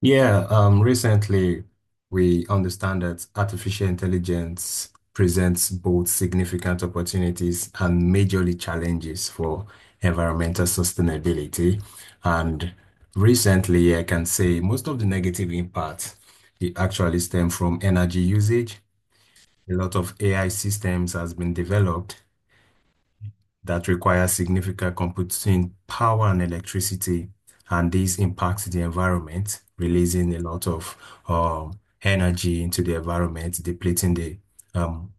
Yeah, recently we understand that artificial intelligence presents both significant opportunities and majorly challenges for environmental sustainability. And recently, I can say most of the negative impact it actually stem from energy usage. A lot of AI systems has been developed that require significant computing power and electricity, and this impacts the environment, releasing a lot of um, energy into the environment, depleting the um,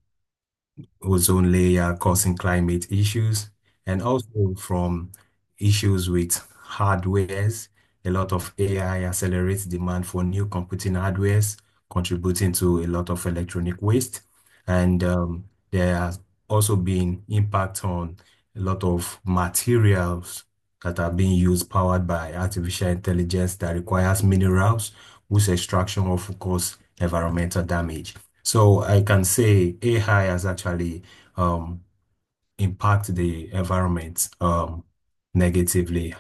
ozone layer causing climate issues, and also from issues with hardwares. A lot of AI accelerates demand for new computing hardwares, contributing to a lot of electronic waste. And there has also been impact on a lot of materials that are being used powered by artificial intelligence that requires minerals, whose extraction will cause environmental damage. So I can say AI has actually um, impacted the environment negatively.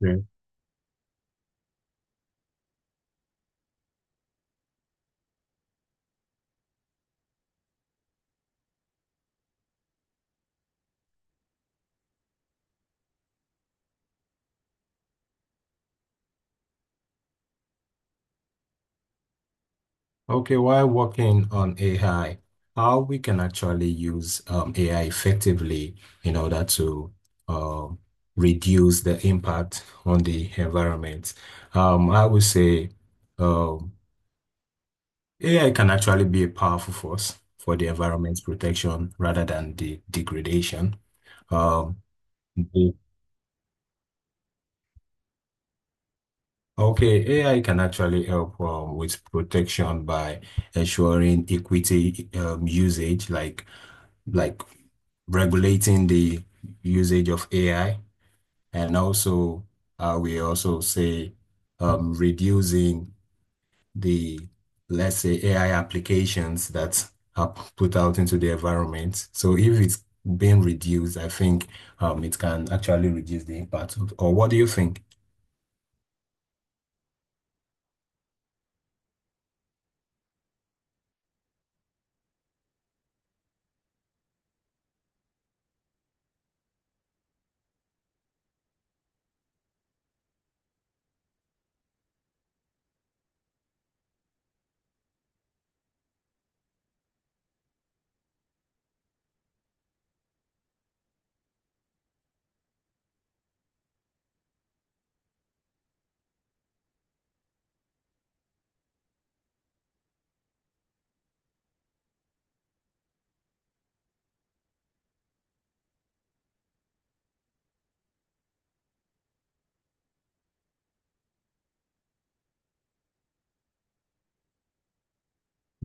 Yeah. Okay, while working on AI, how we can actually use AI effectively in order to um, reduce the impact on the environment. I would say um, AI can actually be a powerful force for the environment's protection rather than the degradation. Um, Okay, AI can actually help with protection by ensuring equity usage, like regulating the usage of AI, and also we also say reducing the let's say AI applications that are put out into the environment. So if it's being reduced, I think it can actually reduce the impact of, or what do you think?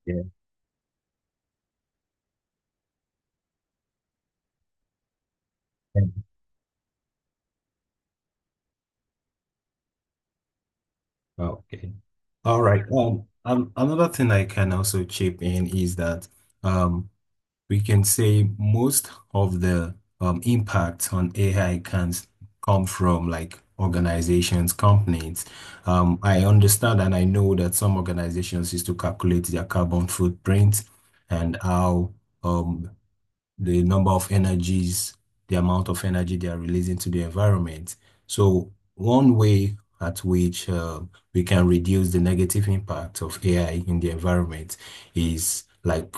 Yeah. Okay. All right. Another thing I can also chip in is that um, we can say most of the impact on AI can come from like organizations, companies. I understand and I know that some organizations used to calculate their carbon footprint and how um, the number of energies, the amount of energy they are releasing to the environment. So one way at which we can reduce the negative impact of AI in the environment is like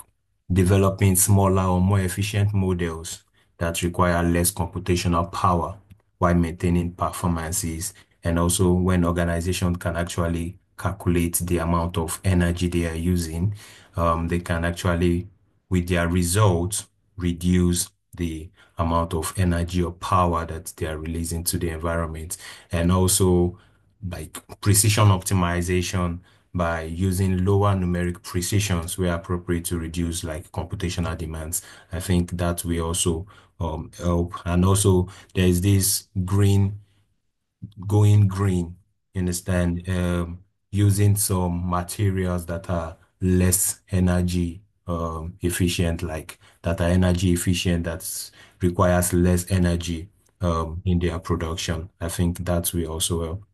developing smaller or more efficient models that require less computational power while maintaining performances. And also when organizations can actually calculate the amount of energy they are using, they can actually with their results reduce the amount of energy or power that they are releasing to the environment. And also, like precision optimization by using lower numeric precisions where appropriate to reduce like computational demands. I think that will also help. And also, there is this green going green, you understand, using some materials that are less energy efficient, like that are energy efficient, that requires less energy in their production. I think that we also help.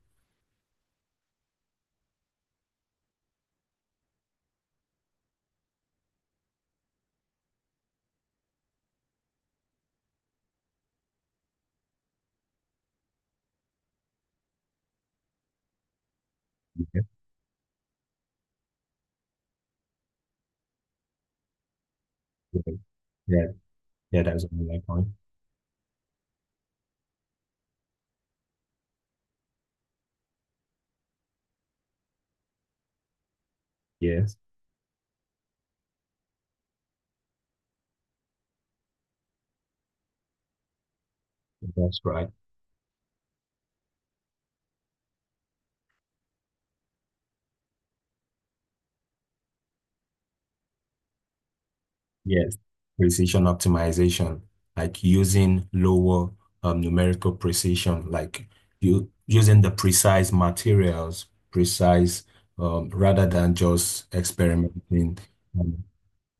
Yeah, yeah, yeah, that's my point. Yes, that's right. Yes, precision optimization, like using lower numerical precision, like you using the precise materials, precise rather than just experimenting. Um,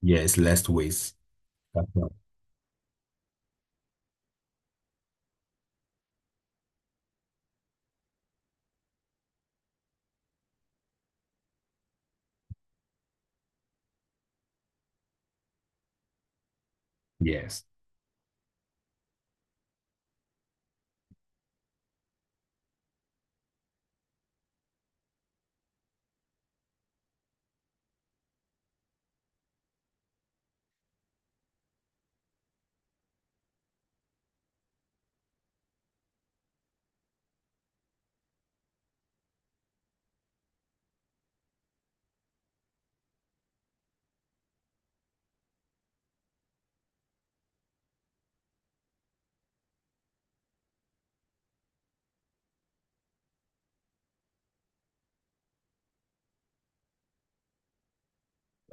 yes, less waste. That's right. Yes.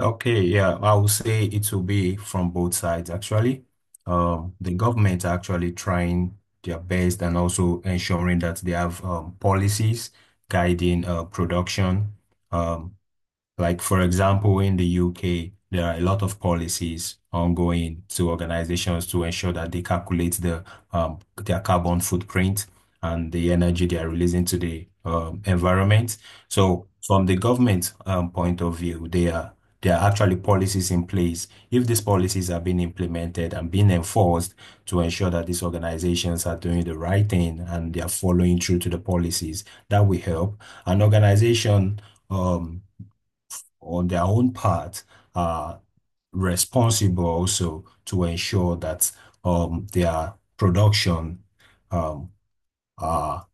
Okay. Yeah, I would say it will be from both sides actually. The government are actually trying their best and also ensuring that they have policies guiding production. Um, Like, for example, in the UK, there are a lot of policies ongoing to organizations to ensure that they calculate the their carbon footprint and the energy they are releasing to the environment. So, from the government point of view, they are there are actually policies in place. If these policies are being implemented and being enforced to ensure that these organizations are doing the right thing and they are following through to the policies, that will help. An organization. Um, on their own part are responsible also to ensure that their production um, are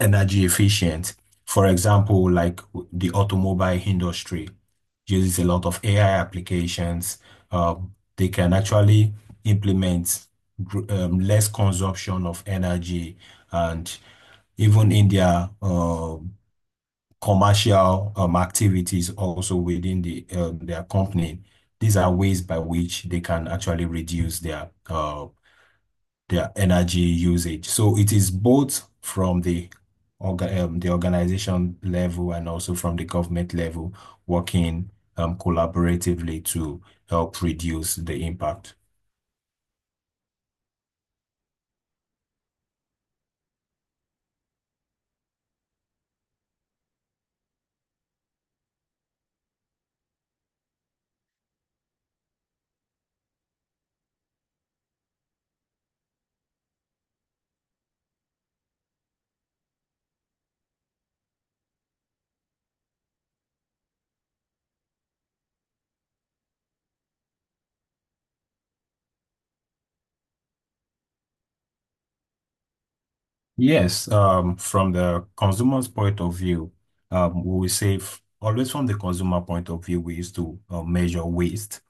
energy efficient. For example, like the automobile industry uses a lot of AI applications. They can actually implement less consumption of energy and even in their commercial activities also within the their company. These are ways by which they can actually reduce their energy usage. So it is both from the orga the organization level and also from the government level working collaboratively to help reduce the impact. Yes, from the consumer's point of view, we will say always from the consumer point of view, we used to measure waste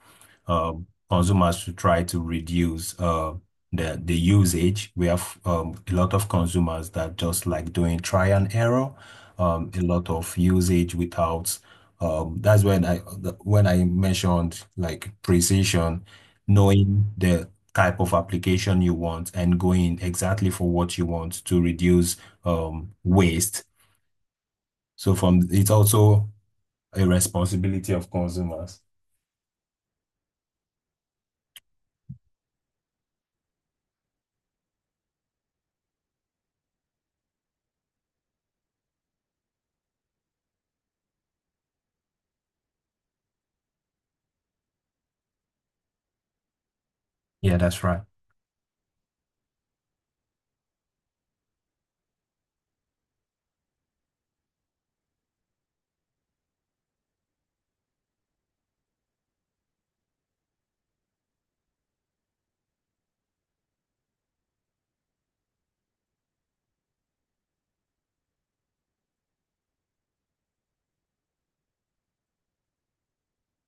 uh, consumers to try to reduce the usage. We have a lot of consumers that just like doing try and error, a lot of usage without. That's when I mentioned like precision, knowing the type of application you want and going exactly for what you want to reduce waste. So from it's also a responsibility of consumers. Yeah, that's right.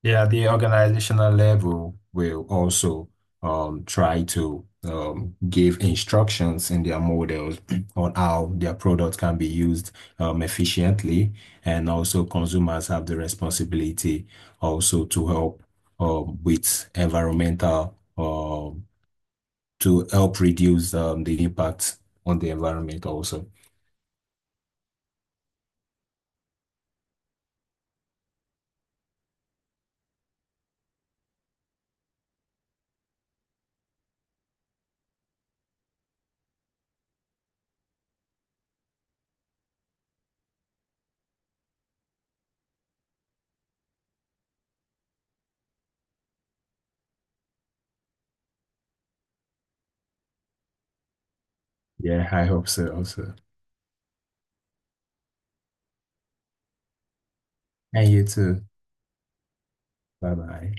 Yeah, the organizational level will also try to give instructions in their models on how their product can be used efficiently, and also consumers have the responsibility also to help with environmental to help reduce the impact on the environment also. Yeah, I hope so also. And you too. Bye bye.